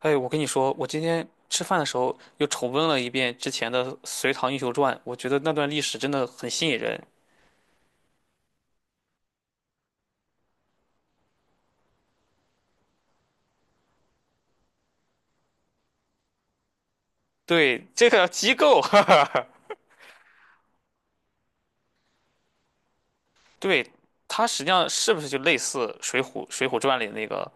哎，我跟你说，我今天吃饭的时候又重温了一遍之前的《隋唐英雄传》，我觉得那段历史真的很吸引人。对，这个机构，哈哈，对，它实际上是不是就类似《水浒》《水浒传》里那个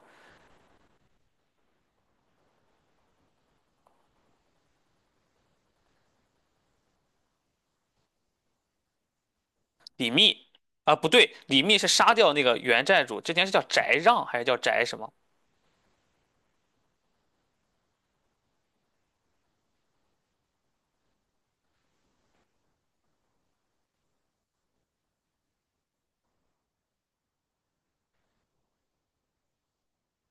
李密？啊，不对，李密是杀掉那个原寨主，之前是叫翟让还是叫翟什么？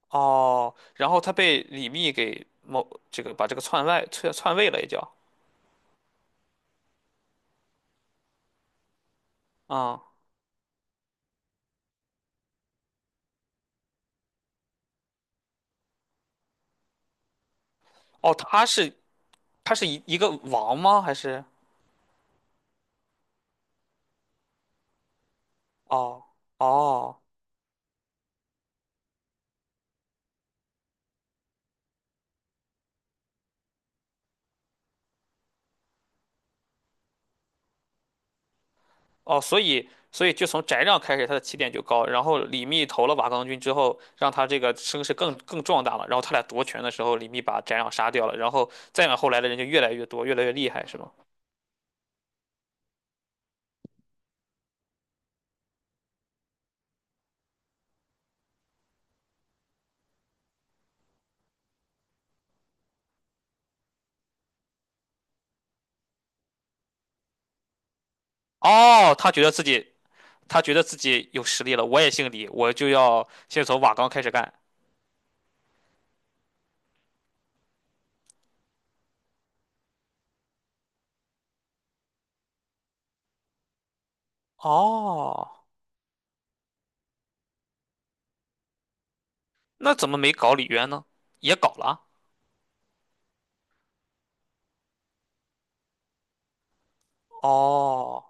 哦，然后他被李密给某这个把这个篡位了，也叫啊、哦，他是一个王吗？还是哦哦。哦，所以就从翟让开始，他的起点就高，然后李密投了瓦岗军之后，让他这个声势更壮大了。然后他俩夺权的时候，李密把翟让杀掉了，然后再往后来的人就越来越多，越来越厉害，是吗？哦，他觉得自己有实力了，我也姓李，我就要先从瓦岗开始干。哦，那怎么没搞李渊呢？也搞了。哦，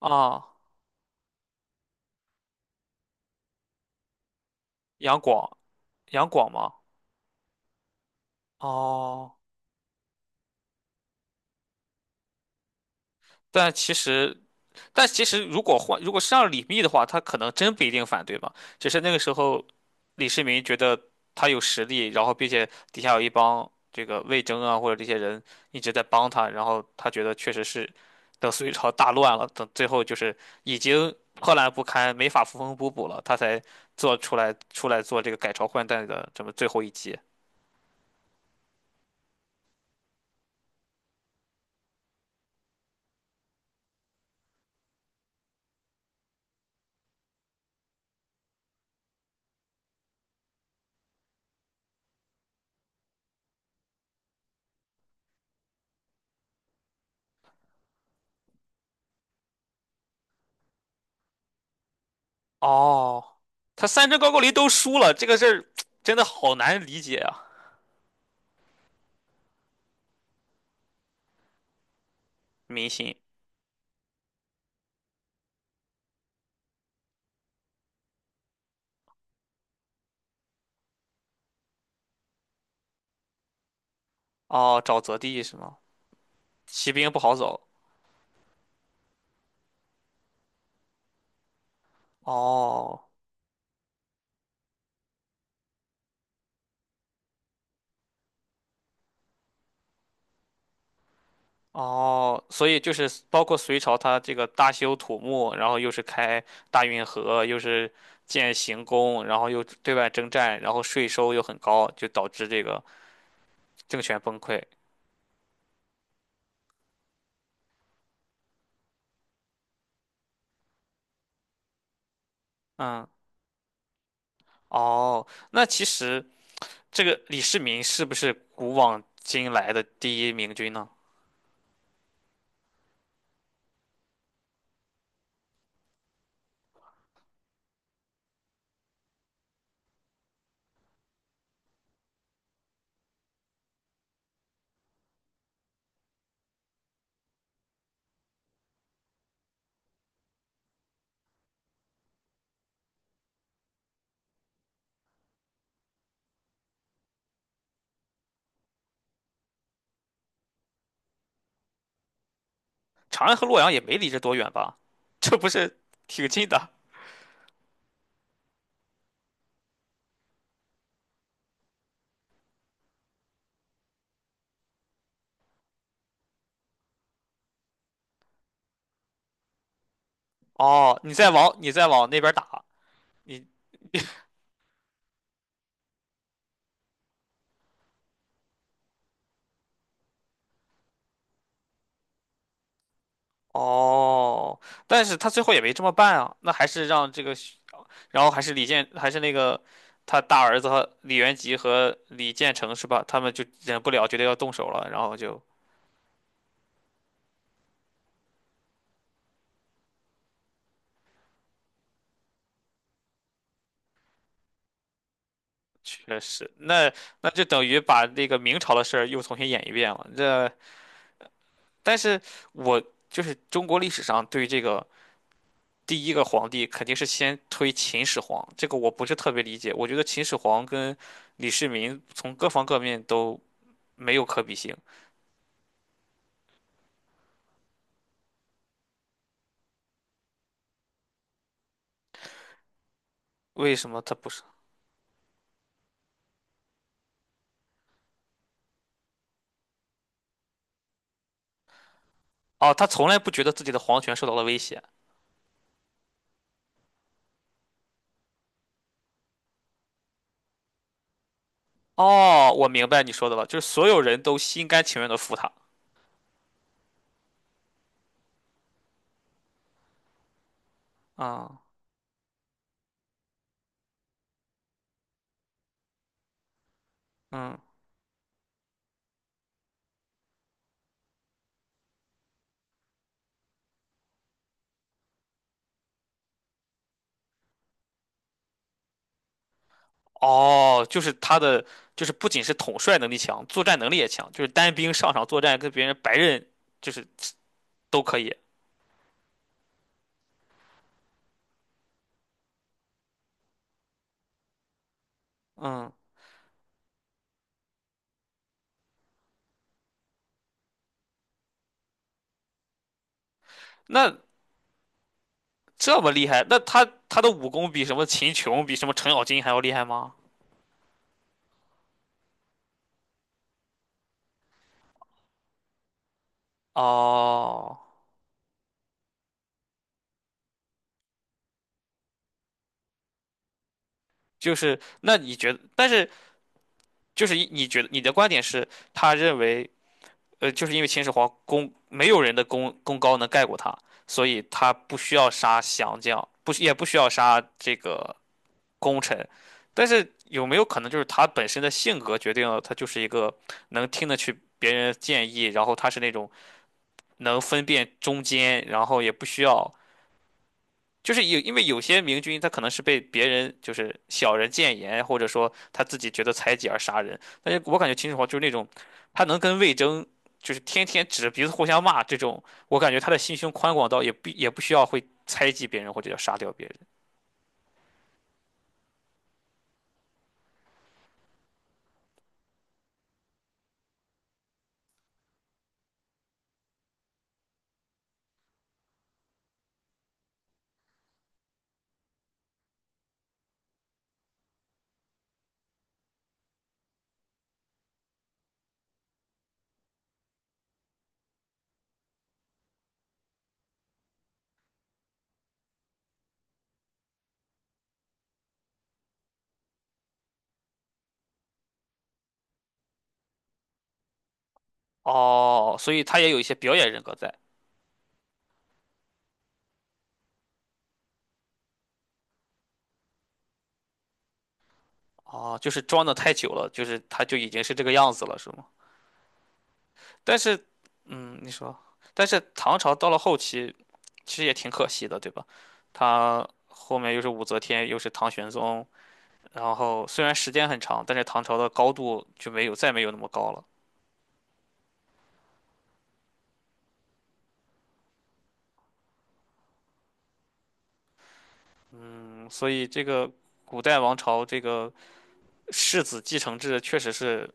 啊，杨广，杨广吗？哦，但其实但其实如果换，如果是让李密的话，他可能真不一定反对吧。只是那个时候，李世民觉得他有实力，然后并且底下有一帮这个魏征啊或者这些人一直在帮他，然后他觉得确实是等隋朝大乱了，等最后就是已经破烂不堪，没法缝缝补补了，他才做出来出来做这个改朝换代的这么最后一击。哦，他三征高句丽都输了，这个事儿 真的好难理解啊，民心。哦，沼泽地是吗？骑兵不好走。哦哦，所以就是包括隋朝，它这个大修土木，然后又是开大运河，又是建行宫，然后又对外征战，然后税收又很高，就导致这个政权崩溃。嗯，哦，那其实这个李世民是不是古往今来的第一明君呢？长安和洛阳也没离着多远吧？这不是挺近的？哦，你再往那边打，你哦，但是他最后也没这么办啊，那还是让这个徐然后还是李建，还是那个他大儿子和李元吉和李建成是吧？他们就忍不了，觉得要动手了，然后就确实，那就等于把那个明朝的事儿又重新演一遍了。这，但是我就是中国历史上对这个第一个皇帝肯定是先推秦始皇，这个我不是特别理解，我觉得秦始皇跟李世民从各方各面都没有可比性。为什么他不是？哦，他从来不觉得自己的皇权受到了威胁。哦，我明白你说的了，就是所有人都心甘情愿的服他。啊，嗯，哦，就是他的，就是不仅是统帅能力强，作战能力也强，就是单兵上场作战跟别人白刃就是都可以。嗯，那这么厉害，那他的武功比什么秦琼，比什么程咬金还要厉害吗？哦，就是那你觉得，但是就是你觉得你的观点是，他认为。就是因为秦始皇功没有人的功高能盖过他，所以他不需要杀降将，不需要杀这个功臣。但是有没有可能就是他本身的性格决定了他就是一个能听得去别人的建议，然后他是那种能分辨忠奸，然后也不需要就是有，因为有些明君他可能是被别人就是小人谏言，或者说他自己觉得猜忌而杀人。但是我感觉秦始皇就是那种，他能跟魏征就是天天指着鼻子互相骂这种，我感觉他的心胸宽广到也不需要会猜忌别人或者要杀掉别人。哦，所以他也有一些表演人格在。哦，就是装的太久了，就是他就已经是这个样子了，是吗？但是，嗯，你说，但是唐朝到了后期，其实也挺可惜的，对吧？他后面又是武则天，又是唐玄宗，然后虽然时间很长，但是唐朝的高度就没有再没有那么高了。嗯，所以这个古代王朝这个世子继承制确实是，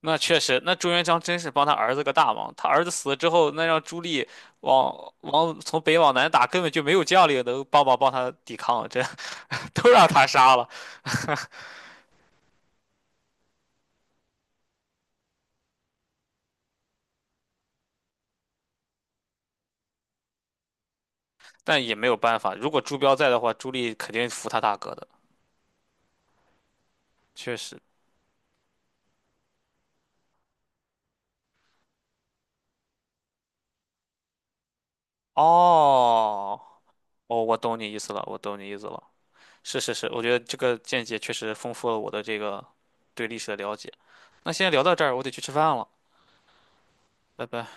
那确实，那朱元璋真是帮他儿子个大忙。他儿子死了之后，那让朱棣从北往南打，根本就没有将领能帮忙帮他抵抗，这 都让他杀了。但也没有办法，如果朱标在的话，朱莉肯定服他大哥的，确实。哦，哦，我懂你意思了，我懂你意思了。是是是，我觉得这个见解确实丰富了我的这个对历史的了解。那先聊到这儿，我得去吃饭了，拜拜。